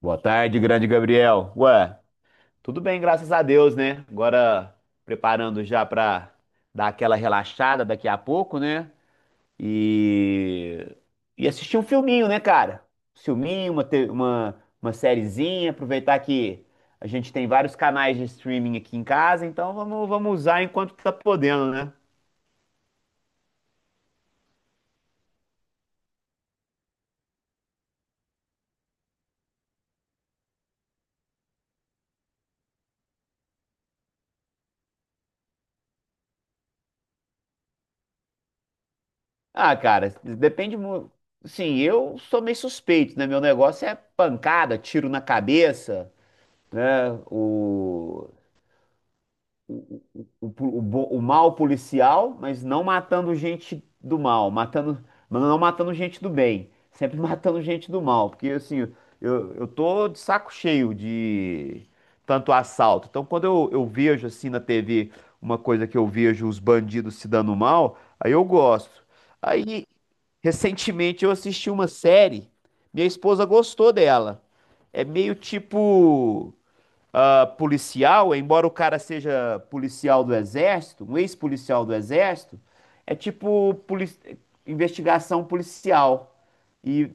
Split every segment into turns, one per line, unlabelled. Boa tarde, grande Gabriel. Ué, tudo bem, graças a Deus, né? Agora preparando já pra dar aquela relaxada daqui a pouco, né? E e assistir um filminho, né, cara? Um filminho, uma te- uma sériezinha, aproveitar que a gente tem vários canais de streaming aqui em casa, então vamos usar enquanto tá podendo, né? Ah, cara, depende muito. Sim, eu sou meio suspeito, né? Meu negócio é pancada, tiro na cabeça, né? O mal policial, mas não matando gente do mal, matando, mas não matando gente do bem, sempre matando gente do mal, porque assim, eu tô de saco cheio de tanto assalto. Então, quando eu vejo assim na TV uma coisa que eu vejo os bandidos se dando mal, aí eu gosto. Aí Recentemente eu assisti uma série, minha esposa gostou dela. É meio tipo, ah, policial, embora o cara seja policial do exército, um ex-policial do exército, é tipo investigação policial. E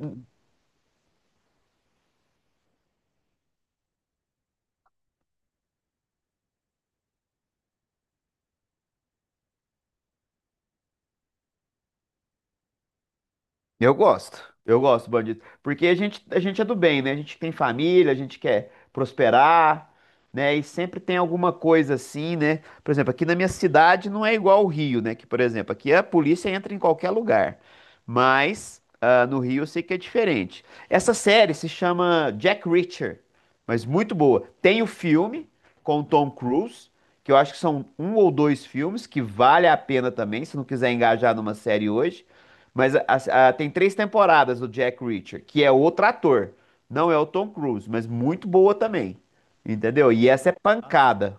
Eu gosto, eu gosto, bandido. Porque a gente é do bem, né? A gente tem família, a gente quer prosperar, né? E sempre tem alguma coisa assim, né? Por exemplo, aqui na minha cidade não é igual ao Rio, né? Que, por exemplo, aqui a polícia entra em qualquer lugar. Mas ah, no Rio eu sei que é diferente. Essa série se chama Jack Reacher, mas muito boa. Tem o filme com o Tom Cruise que eu acho que são um ou dois filmes que vale a pena também, se não quiser engajar numa série hoje. Mas tem três temporadas do Jack Reacher, que é outro ator. Não é o Tom Cruise, mas muito boa também. Entendeu? E essa é pancada.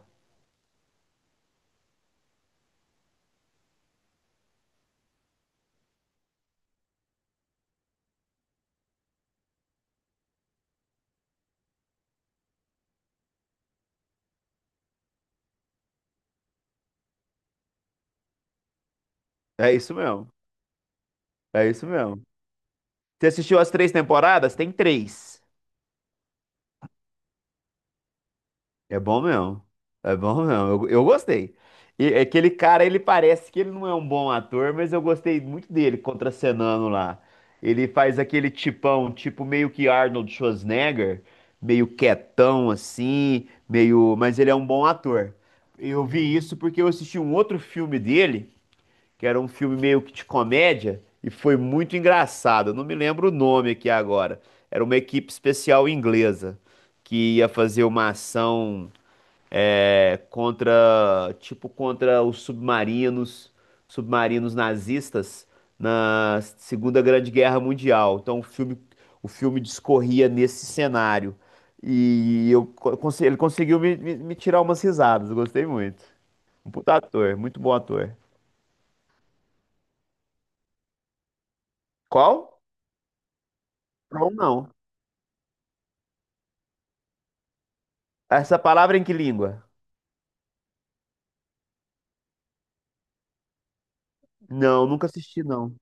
É isso mesmo. É isso mesmo. Você assistiu as três temporadas? Tem três. É bom mesmo. É bom mesmo. Eu gostei. E aquele cara, ele parece que ele não é um bom ator, mas eu gostei muito dele contracenando lá. Ele faz aquele tipão, tipo meio que Arnold Schwarzenegger, meio quietão assim, meio, mas ele é um bom ator. Eu vi isso porque eu assisti um outro filme dele, que era um filme meio que de comédia, e foi muito engraçado. Eu não me lembro o nome aqui agora. Era uma equipe especial inglesa que ia fazer uma ação, é, contra, tipo, contra os submarinos, submarinos nazistas na Segunda Grande Guerra Mundial. Então o filme discorria nesse cenário. E ele conseguiu me tirar umas risadas, eu gostei muito. Um puta ator, muito bom ator. Qual? Não, não. Essa palavra em que língua? Não, nunca assisti, não.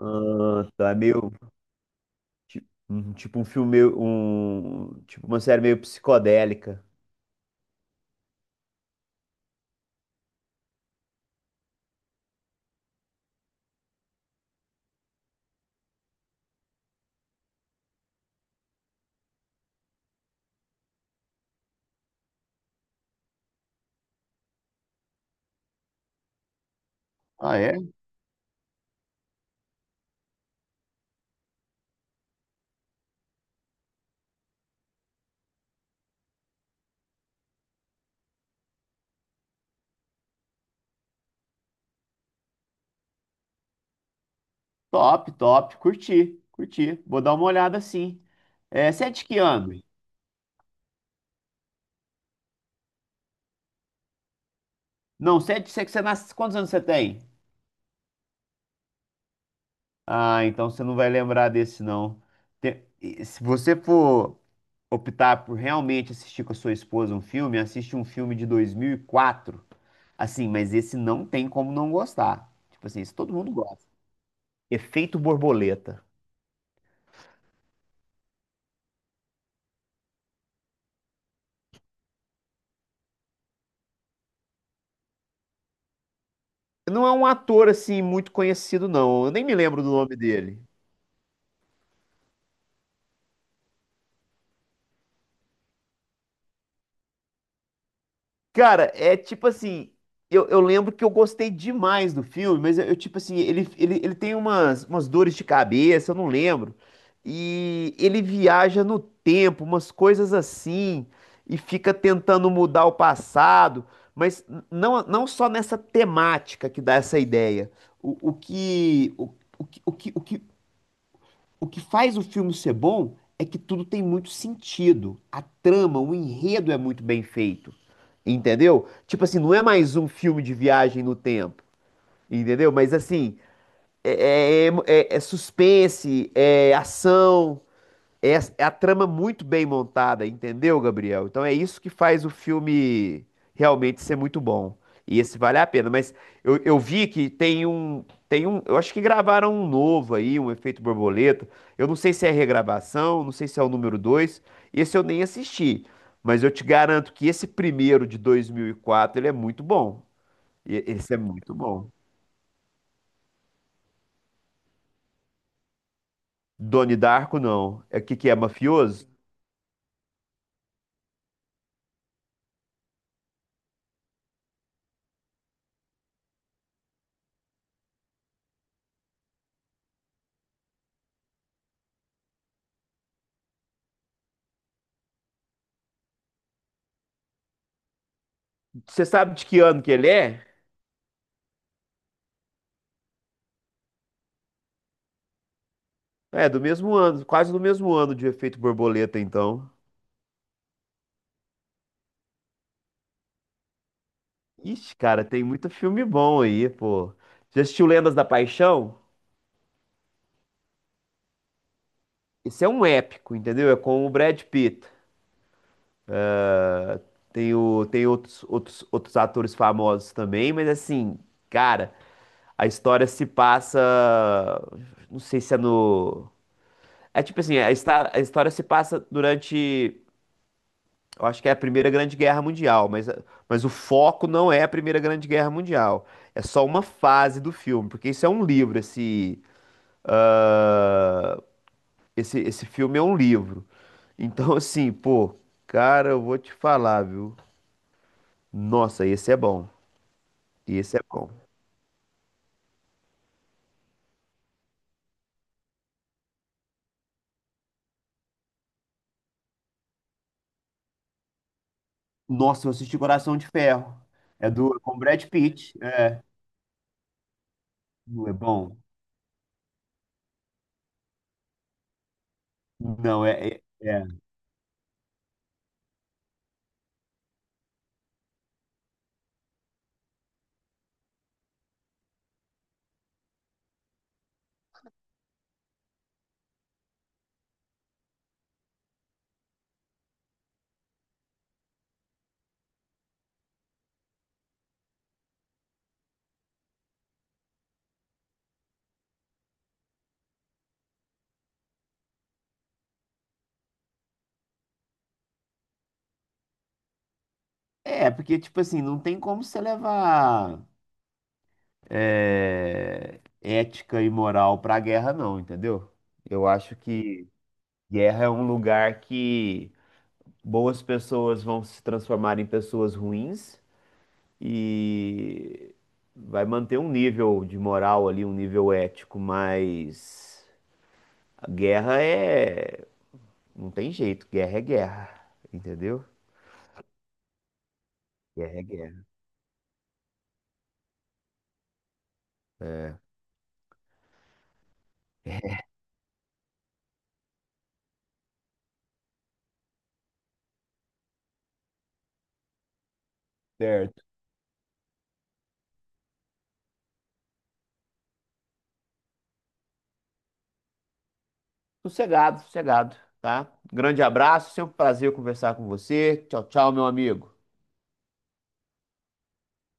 Ah, tá, é meio, tipo um filme, tipo uma série meio psicodélica. Ah, é? Top, top. Curti, curti. Vou dar uma olhada sim. É, você é de que ano? Não, você é de, você, que você nasce. Quantos anos você tem? Ah, então você não vai lembrar desse, não. Se você for optar por realmente assistir com a sua esposa um filme, assiste um filme de 2004. Assim, mas esse não tem como não gostar. Tipo assim, isso todo mundo gosta. Efeito Borboleta. Não é um ator, assim, muito conhecido, não. Eu nem me lembro do nome dele. Cara, é tipo assim, eu lembro que eu gostei demais do filme, mas tipo assim, ele tem umas, umas dores de cabeça, eu não lembro. E ele viaja no tempo, umas coisas assim, e fica tentando mudar o passado, mas não, não só nessa temática que dá essa ideia. O que, o, que, o que, o que O que faz o filme ser bom é que tudo tem muito sentido. A trama, o enredo é muito bem feito. Entendeu? Tipo assim, não é mais um filme de viagem no tempo. Entendeu? Mas assim, é suspense, é ação. É, é a trama muito bem montada, entendeu, Gabriel? Então é isso que faz o filme realmente ser muito bom. E esse vale a pena. Mas eu vi que tem um. Eu acho que gravaram um novo aí, um Efeito Borboleta. Eu não sei se é regravação, não sei se é o número 2. Esse eu nem assisti. Mas eu te garanto que esse primeiro de 2004, ele é muito bom. Esse é muito bom. Doni Darko, não. É o que que é, mafioso? Você sabe de que ano que ele é? É, do mesmo ano, quase do mesmo ano de Efeito Borboleta, então. Ixi, cara, tem muito filme bom aí, pô. Já assistiu Lendas da Paixão? Esse é um épico, entendeu? É com o Brad Pitt. Tem, o, tem outros atores famosos também, mas assim, cara, a história se passa. Não sei se é no. É tipo assim, a, a história se passa durante, eu acho que é a Primeira Grande Guerra Mundial, mas o foco não é a Primeira Grande Guerra Mundial. É só uma fase do filme, porque isso é um livro, ah, esse filme é um livro. Então, assim, pô, cara, eu vou te falar, viu? Nossa, esse é bom. Esse é bom. Nossa, eu assisti Coração de Ferro. É do, com Brad Pitt. É, não é bom? Não, é. É, porque, tipo assim, não tem como você levar, é, ética e moral para a guerra, não, entendeu? Eu acho que guerra é um lugar que boas pessoas vão se transformar em pessoas ruins e vai manter um nível de moral ali, um nível ético, mas a guerra é. Não tem jeito, guerra é guerra, entendeu? Guerra. É. Certo. Sossegado, sossegado, tá? Grande abraço, sempre um prazer conversar com você. Tchau, tchau, meu amigo.